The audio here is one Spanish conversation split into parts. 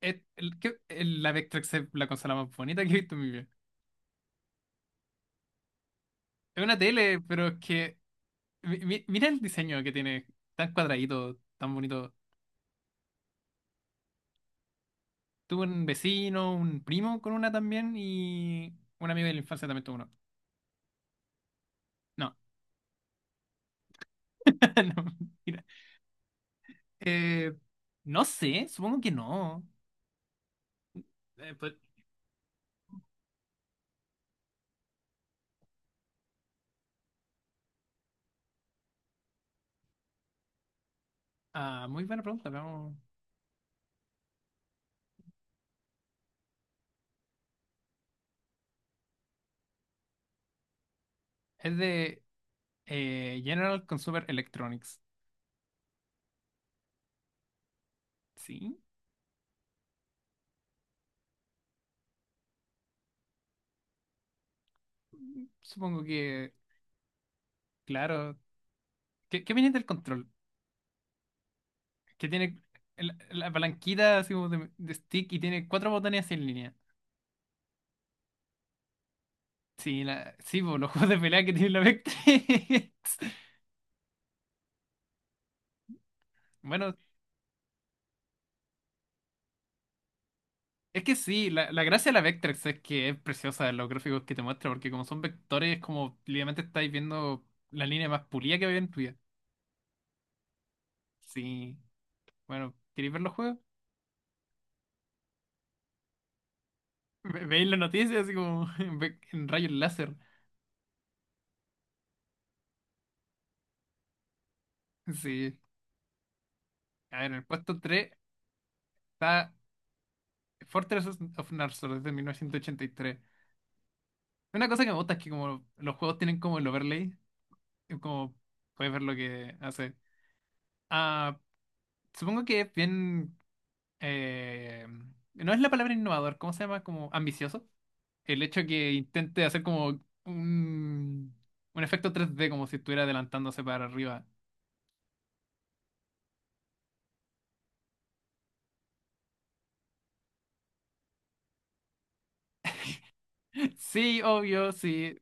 Es, el, que- el- la Vectrex es la consola más bonita que he visto en mi vida. Es una tele, pero es que mira el diseño que tiene, tan cuadradito, tan bonito. Tuve un vecino, un primo con una también y un amigo de la infancia también tuvo uno. No, no, mira. Eh, no sé, supongo que no. Eh, pues, ah, muy buena pregunta, vamos. Es de General Consumer Electronics. Sí, supongo que, claro. ¿Qué, qué opinas del control? Que tiene la palanquita así como de stick y tiene cuatro botones en línea. Sí, la, sí, po, los juegos de pelea que tiene la Vectrex. Bueno, es que sí, la gracia de la Vectrex es que es preciosa los gráficos que te muestra, porque como son vectores, como literalmente estáis viendo la línea más pulida que había en tu vida. Sí, bueno, ¿queréis ver los juegos? Veis las noticias así como en rayos láser. Sí. A ver, en el puesto 3 está Fortress of Narsos desde mil novecientos ochenta y tres. Una cosa que me gusta es que como los juegos tienen como el overlay, es como puedes ver lo que hace. Ah, supongo que es bien... eh, no es la palabra innovador, ¿cómo se llama? Como ambicioso. El hecho que intente hacer como un efecto 3D, como si estuviera adelantándose para arriba. Sí, obvio, sí.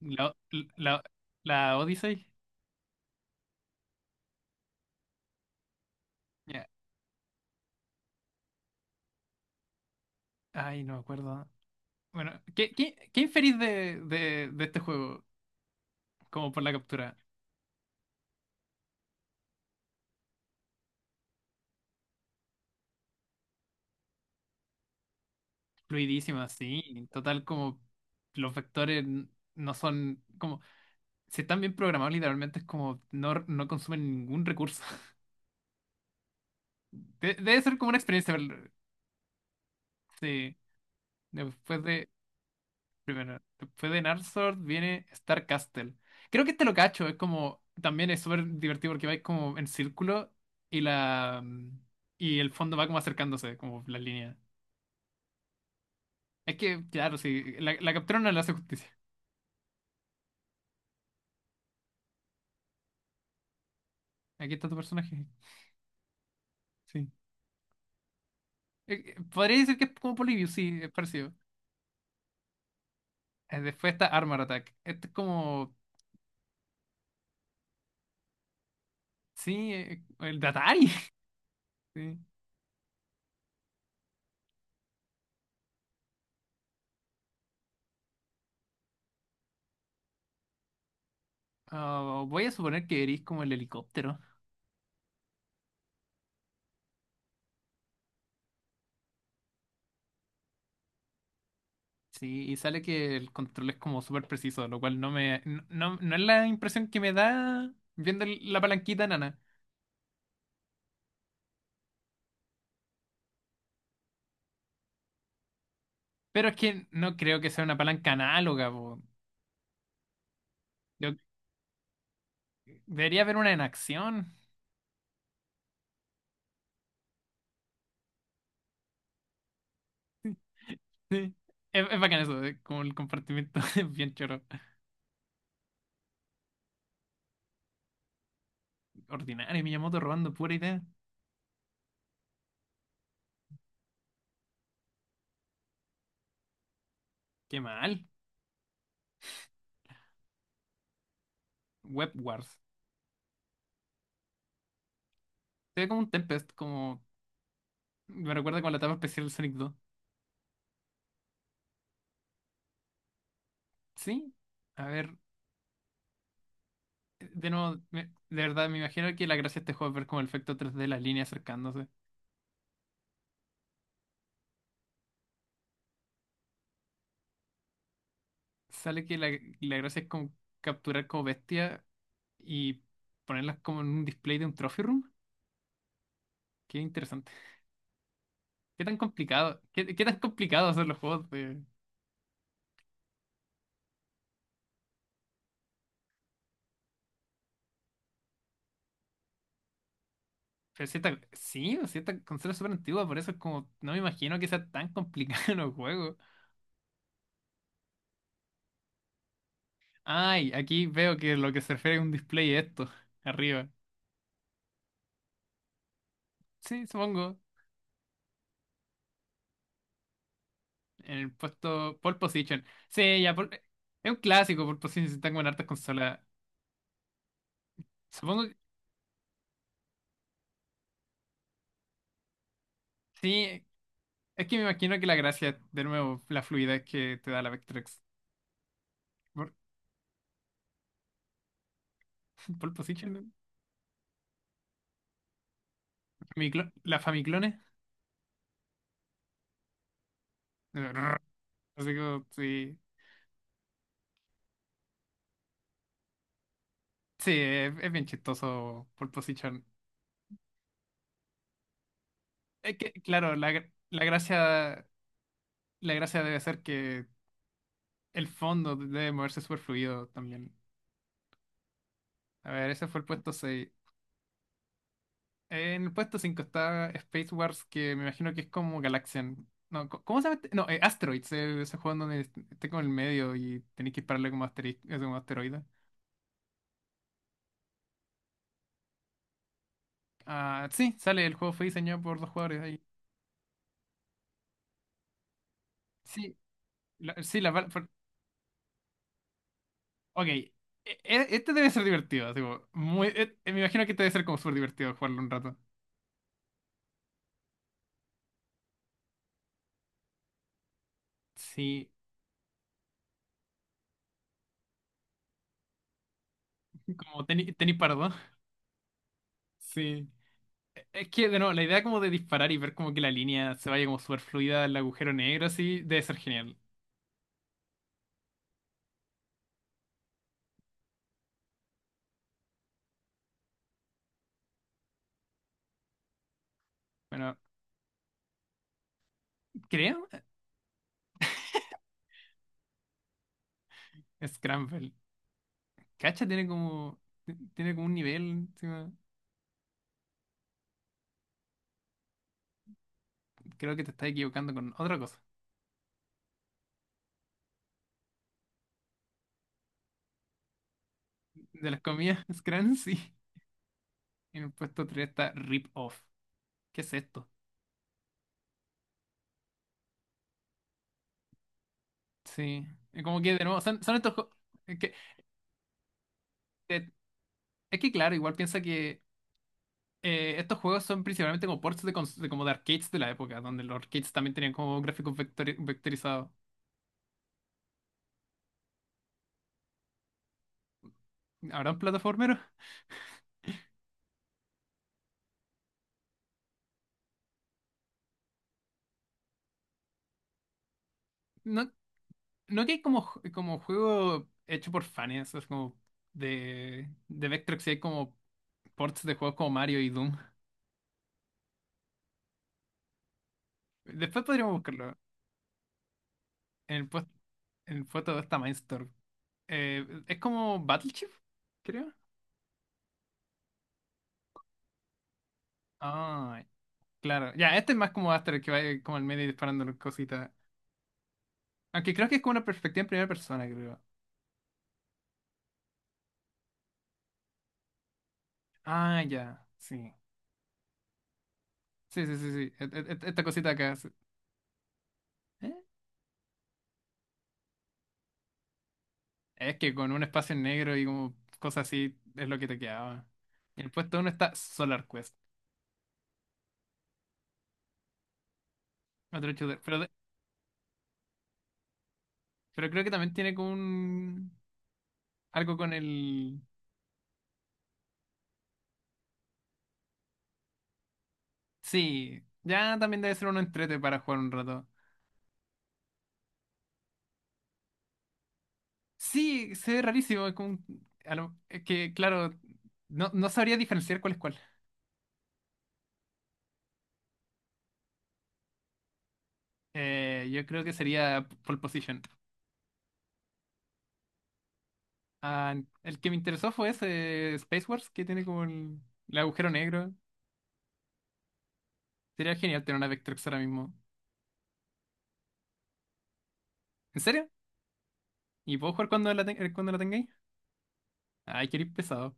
La, la, la Odyssey. Ya. Ay, no me acuerdo. Bueno, ¿qué inferís de este juego? Como por la captura. Fluidísima, sí. Total, como los vectores no son como. Si están bien programados, literalmente es como no, no consumen ningún recurso. Debe ser como una experiencia, pero... Sí. Después de. Primero, después de Narsort viene Star Castle. Creo que este lo cacho. Es como. También es súper divertido porque vais como en círculo y la. Y el fondo va como acercándose, como las líneas. Es que, claro, sí. La captura no le hace justicia. Aquí está tu personaje. Sí. Podría decir que es como Polybius, sí, es parecido. Después está Armor Attack. Este es como. Sí, el de Atari. Sí. Ah, voy a suponer que eres como el helicóptero. Sí, y sale que el control es como súper preciso, lo cual no me. No, no, no es la impresión que me da viendo la palanquita nana. Pero es que no creo que sea una palanca análoga, po. Yo- debería haber una en acción. Sí. Es bacán eso, como el compartimiento es bien choro. Ordinario, Miyamoto robando pura idea. Qué mal. Web Wars. Se ve como un Tempest, como. Me recuerda con la etapa especial del Sonic 2. Sí. A ver, de nuevo, de verdad, me imagino que la gracia de este juego es ver como el efecto tres d de las líneas acercándose. Sale que la gracia es como capturar como bestia y ponerlas como en un display de un trophy room. Qué interesante. Qué tan complicado, qué tan complicado hacer los juegos de. Pero si sí, o sea, consola es súper antigua, por eso es como, no me imagino que sea tan complicado los juegos. Ay, aquí veo que lo que se refiere a un display es esto, arriba. Sí, supongo, en el puesto pole position. Sí, ya, es un clásico pole position, si están con hartas consolas. Supongo que sí, es que me imagino que la gracia, de nuevo, la fluidez que te da la Vectrex. Por- Pole position, la Famiclone. Así como, sí, sí, es bien chistoso pole position. Es que, claro, la gracia debe ser que el fondo debe moverse súper fluido también. A ver, ese fue el puesto seis. En el puesto 5 está Space Wars, que me imagino que es como Galaxian. No, ¿cómo se llama este? No, Asteroids, ese juego en donde esté como en el medio y tenéis que dispararle como, como asteroide. Ah, sí, sale, el juego fue diseñado por dos jugadores ahí. Sí, sí, la bala. Ok, este debe ser divertido, así como muy, me imagino que este debe ser como súper divertido jugarlo un rato. Sí, como tenis, tenis pardo. Sí. Es que, de nuevo, la idea como de disparar y ver como que la línea se vaya como súper fluida al agujero negro, así, debe ser genial. Bueno, creo, Scramble. Cacha tiene como un nivel, encima. Creo que te estás equivocando con otra cosa. De las comidas, Scran, sí. En el puesto 3 está Rip Off. ¿Qué es esto? Sí. Es como que, de nuevo, son estos juegos... Es que, eh, es que, claro, igual piensa que estos juegos son principalmente como ports de como de arcades de la época, donde los arcades también tenían como gráficos vectorizados. ¿Habrán plataformeros? No, no que hay como, como juego hecho por fans, es como de Vectrex y hay como ports de juegos como Mario y Doom. Después podríamos buscarlo. En el puesto, en el puesto está Mindstorm. Es como Battleship, creo. Ah, claro. Ya, este es más como Aster que va como al medio y disparando cositas. Aunque creo que es como una perspectiva en primera persona, creo. Ah, ya. Sí. Sí, sí, sí, sí. Esta cosita acá, sí. Eh, Es que con un espacio en negro y como cosas así es lo que te quedaba. Y el puesto uno está Solar Quest, otro shooter. Pero, pero creo que también tiene como un... algo con el... Sí, ya también debe ser uno entrete para jugar un rato. Sí, se ve rarísimo. Es, como un- a lo- es que, claro, no, no sabría diferenciar cuál es cuál. Yo creo que sería Pole Position. Ah, el que me interesó fue ese Space Wars que tiene como el agujero negro. Sería genial tener una Vectrex ahora mismo. ¿En serio? ¿Y puedo jugar cuando cuando la tengáis? Ay, queréis pesado.